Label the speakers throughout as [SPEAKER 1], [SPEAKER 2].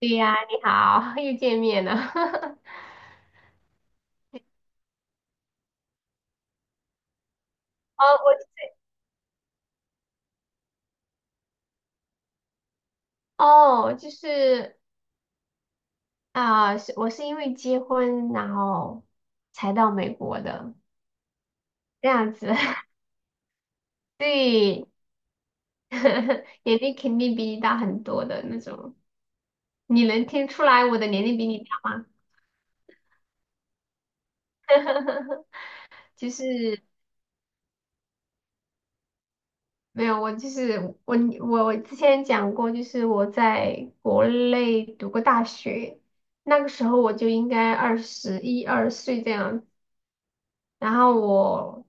[SPEAKER 1] 对呀，你好，又见面了。哦，我哦，就是啊，是、我是因为结婚，然后才到美国的，这样子。对。年龄肯定比你大很多的那种。你能听出来我的年龄比你大吗？就是没有，我之前讲过，就是我在国内读过大学，那个时候我就应该二十一二岁这样。然后我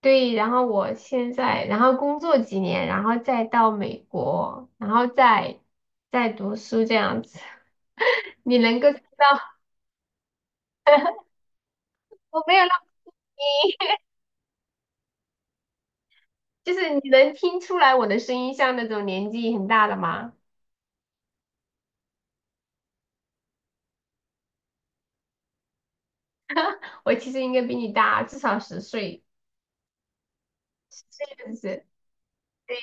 [SPEAKER 1] 对，然后我现在，然后工作几年，然后再到美国，然后再读书这样子。你能够听到我没有那么低，就是你能听出来我的声音像那种年纪很大的吗？我其实应该比你大至少十岁，这样子。对，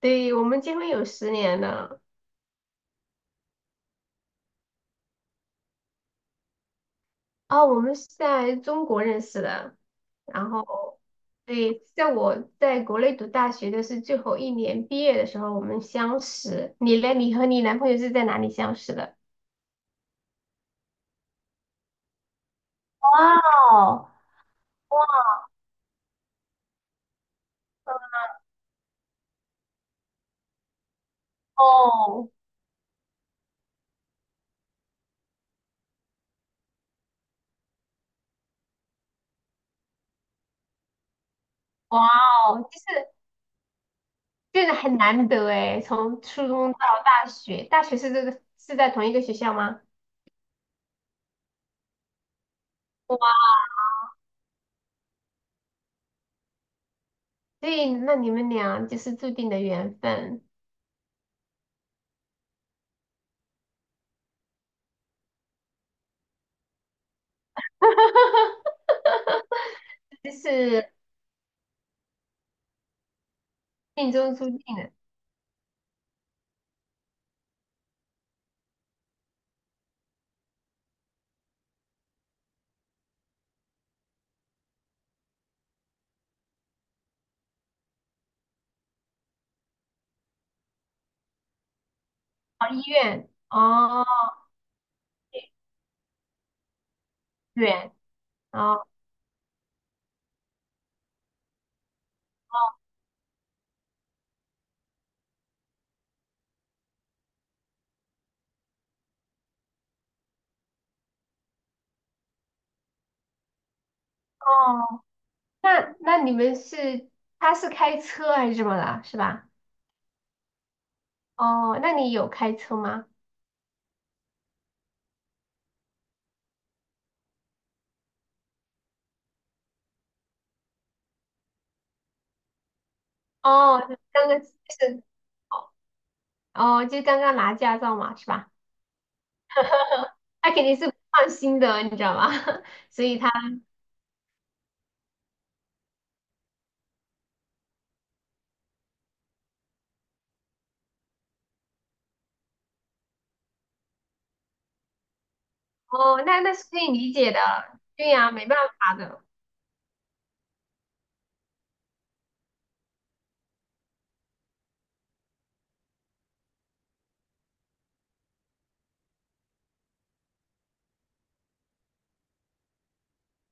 [SPEAKER 1] 对，我们结婚有十年了。哦，我们是在中国认识的。然后，对，在我在国内读大学的是最后一年毕业的时候，我们相识。你嘞？你和你男朋友是在哪里相识的？哇哦，哇哦，哇哦，就是就是很难得诶，从初中到大学，大学是是在同一个学校吗？哇，所以那你们俩就是注定的缘分。哈哈哈，就是命中注定的。哦，医院哦。远。哦哦，哦，那那你们是他是开车还是怎么了，是吧？哦，那你有开车吗？哦，刚刚就是哦，就刚刚拿驾照嘛，是吧 他肯定是不放心的，你知道吗？所以他。哦，那那是可以理解的。对呀，没办法的。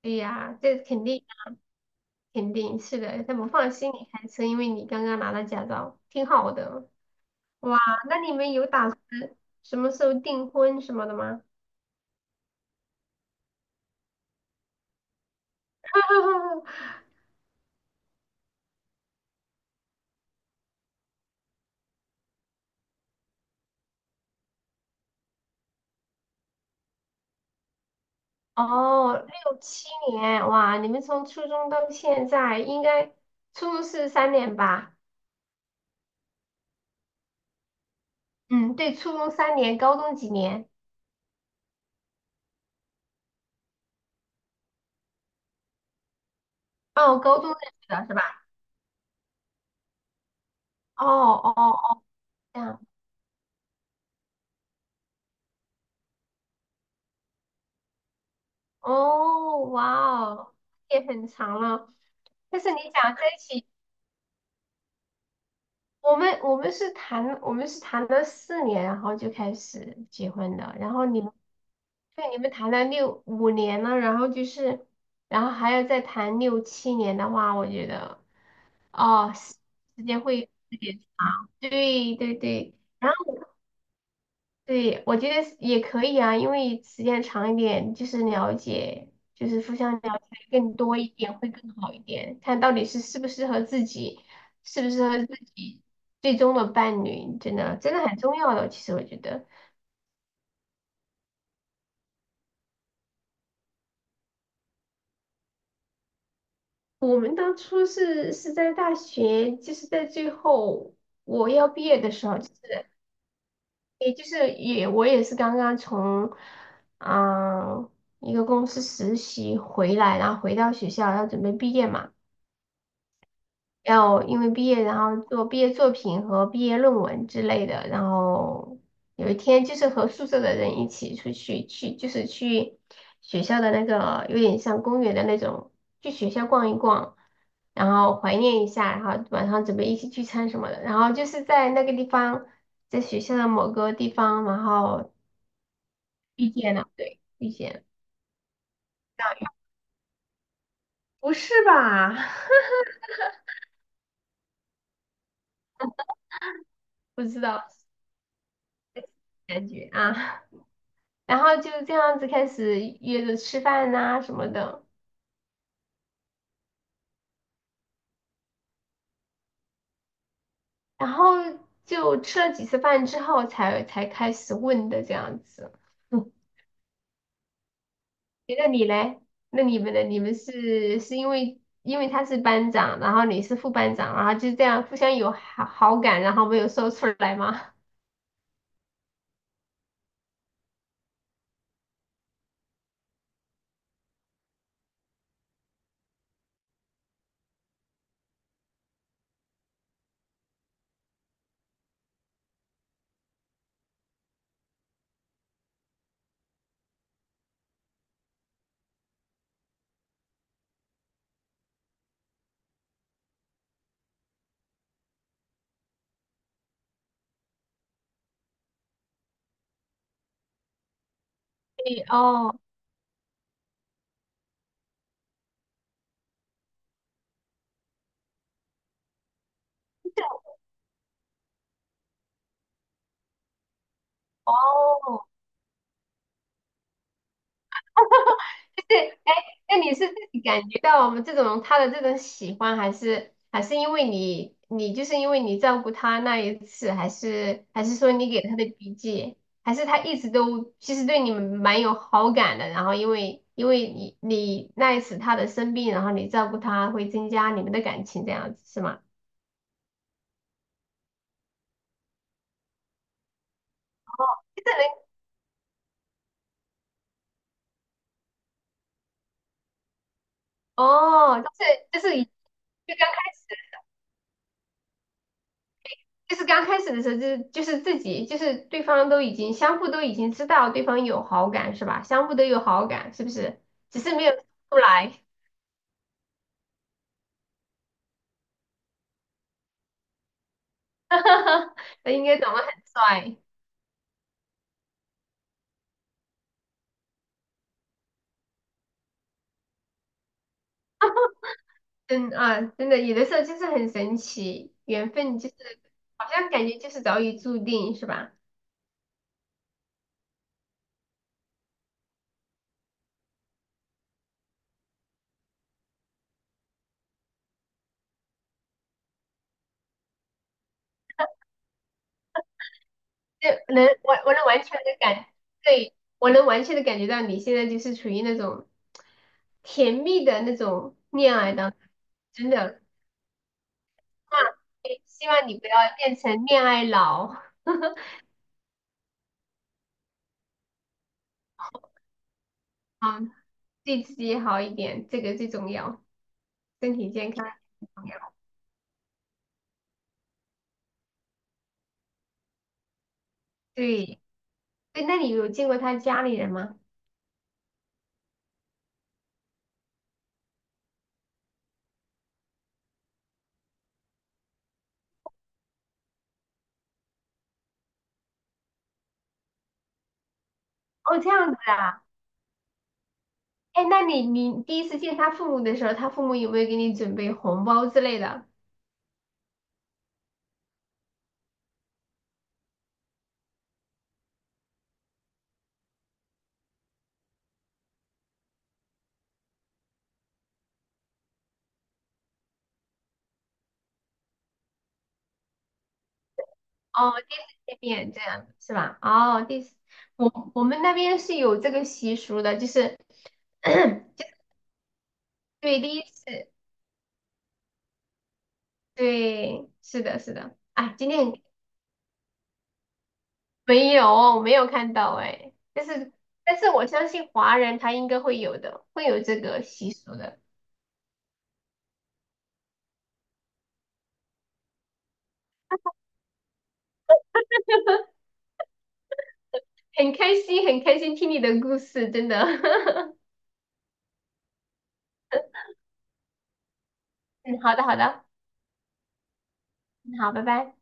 [SPEAKER 1] 对呀，这肯定是的，他不放心你开车，因为你刚刚拿到驾照，挺好的。哇，那你们有打算什么时候订婚什么的吗？哦，六七年，哇，你们从初中到现在，应该初中是三年吧？嗯，对，初中三年，高中几年？哦，高中认识的是吧？哦哦哦，这样，哦，哇，哦，也很长了。但是你想在一起，我们是谈了四年，然后就开始结婚的，然后你们。对，你们谈了六五年了，然后就是，然后还要再谈六七年的话，我觉得。哦，时间会有点，对对对，然后对，我觉得是也可以啊，因为时间长一点，就是了解，就是互相了解更多一点会更好一点，看到底是适不适合自己，适不适合自己最终的伴侣，真的真的很重要的。其实我觉得我们当初是在大学，就是在最后我要毕业的时候，就是。也就是我也是刚刚从嗯一个公司实习回来，然后回到学校要准备毕业嘛，要因为毕业然后做毕业作品和毕业论文之类的，然后有一天就是和宿舍的人一起出去就是去学校的那个有点像公园的那种，去学校逛一逛。然后怀念一下，然后晚上准备一起聚餐什么的，然后就是在那个地方，在学校的某个地方，然后遇见了，对，遇见了。大雨不是吧？不知道感觉啊，然后就这样子开始约着吃饭呐、什么的，然后就吃了几次饭之后才开始问的这样子。嗯，诶那你嘞？那你们呢？你们是因为他是班长，然后你是副班长，然后就这样互相有好感，然后没有说出来吗？对哦。哦。是，哎，那你是自己感觉到我们这种他的这种喜欢，还是因为你就是因为你照顾他那一次，还是说你给他的笔记，还是他一直都其实对你们蛮有好感的，然后因为你那一次他的生病，然后你照顾他，会增加你们的感情这样子是吗？这人哦，就是就刚开始。就是刚开始的时候，就是自己，就是对方都已经相互都已经知道对方有好感是吧？相互都有好感是不是？只是没有出来。哈哈，那应该长得很帅。嗯啊，真的有的时候就是很神奇，缘分就是好像感觉就是早已注定是吧？就能我我能完全的，对，我能完全的感觉到你现在就是处于那种甜蜜的那种恋爱当中。真的。对，希望你不要变成恋爱脑。好，对自己好一点，这个最重要。身体健康最重要。对，对，那你有见过他家里人吗？哦，这样子啊。哎，那你第一次见他父母的时候，他父母有没有给你准备红包之类的？哦，第一次见面这样是吧？哦，第一次，我们那边是有这个习俗的，就是 对第一次，对，是的，是的。哎，今天很。没有，没有看到哎、但是我相信华人他应该会有的，会有这个习俗的。很开心，很开心听你的故事，真的。嗯，好的，好的，嗯，好，拜拜。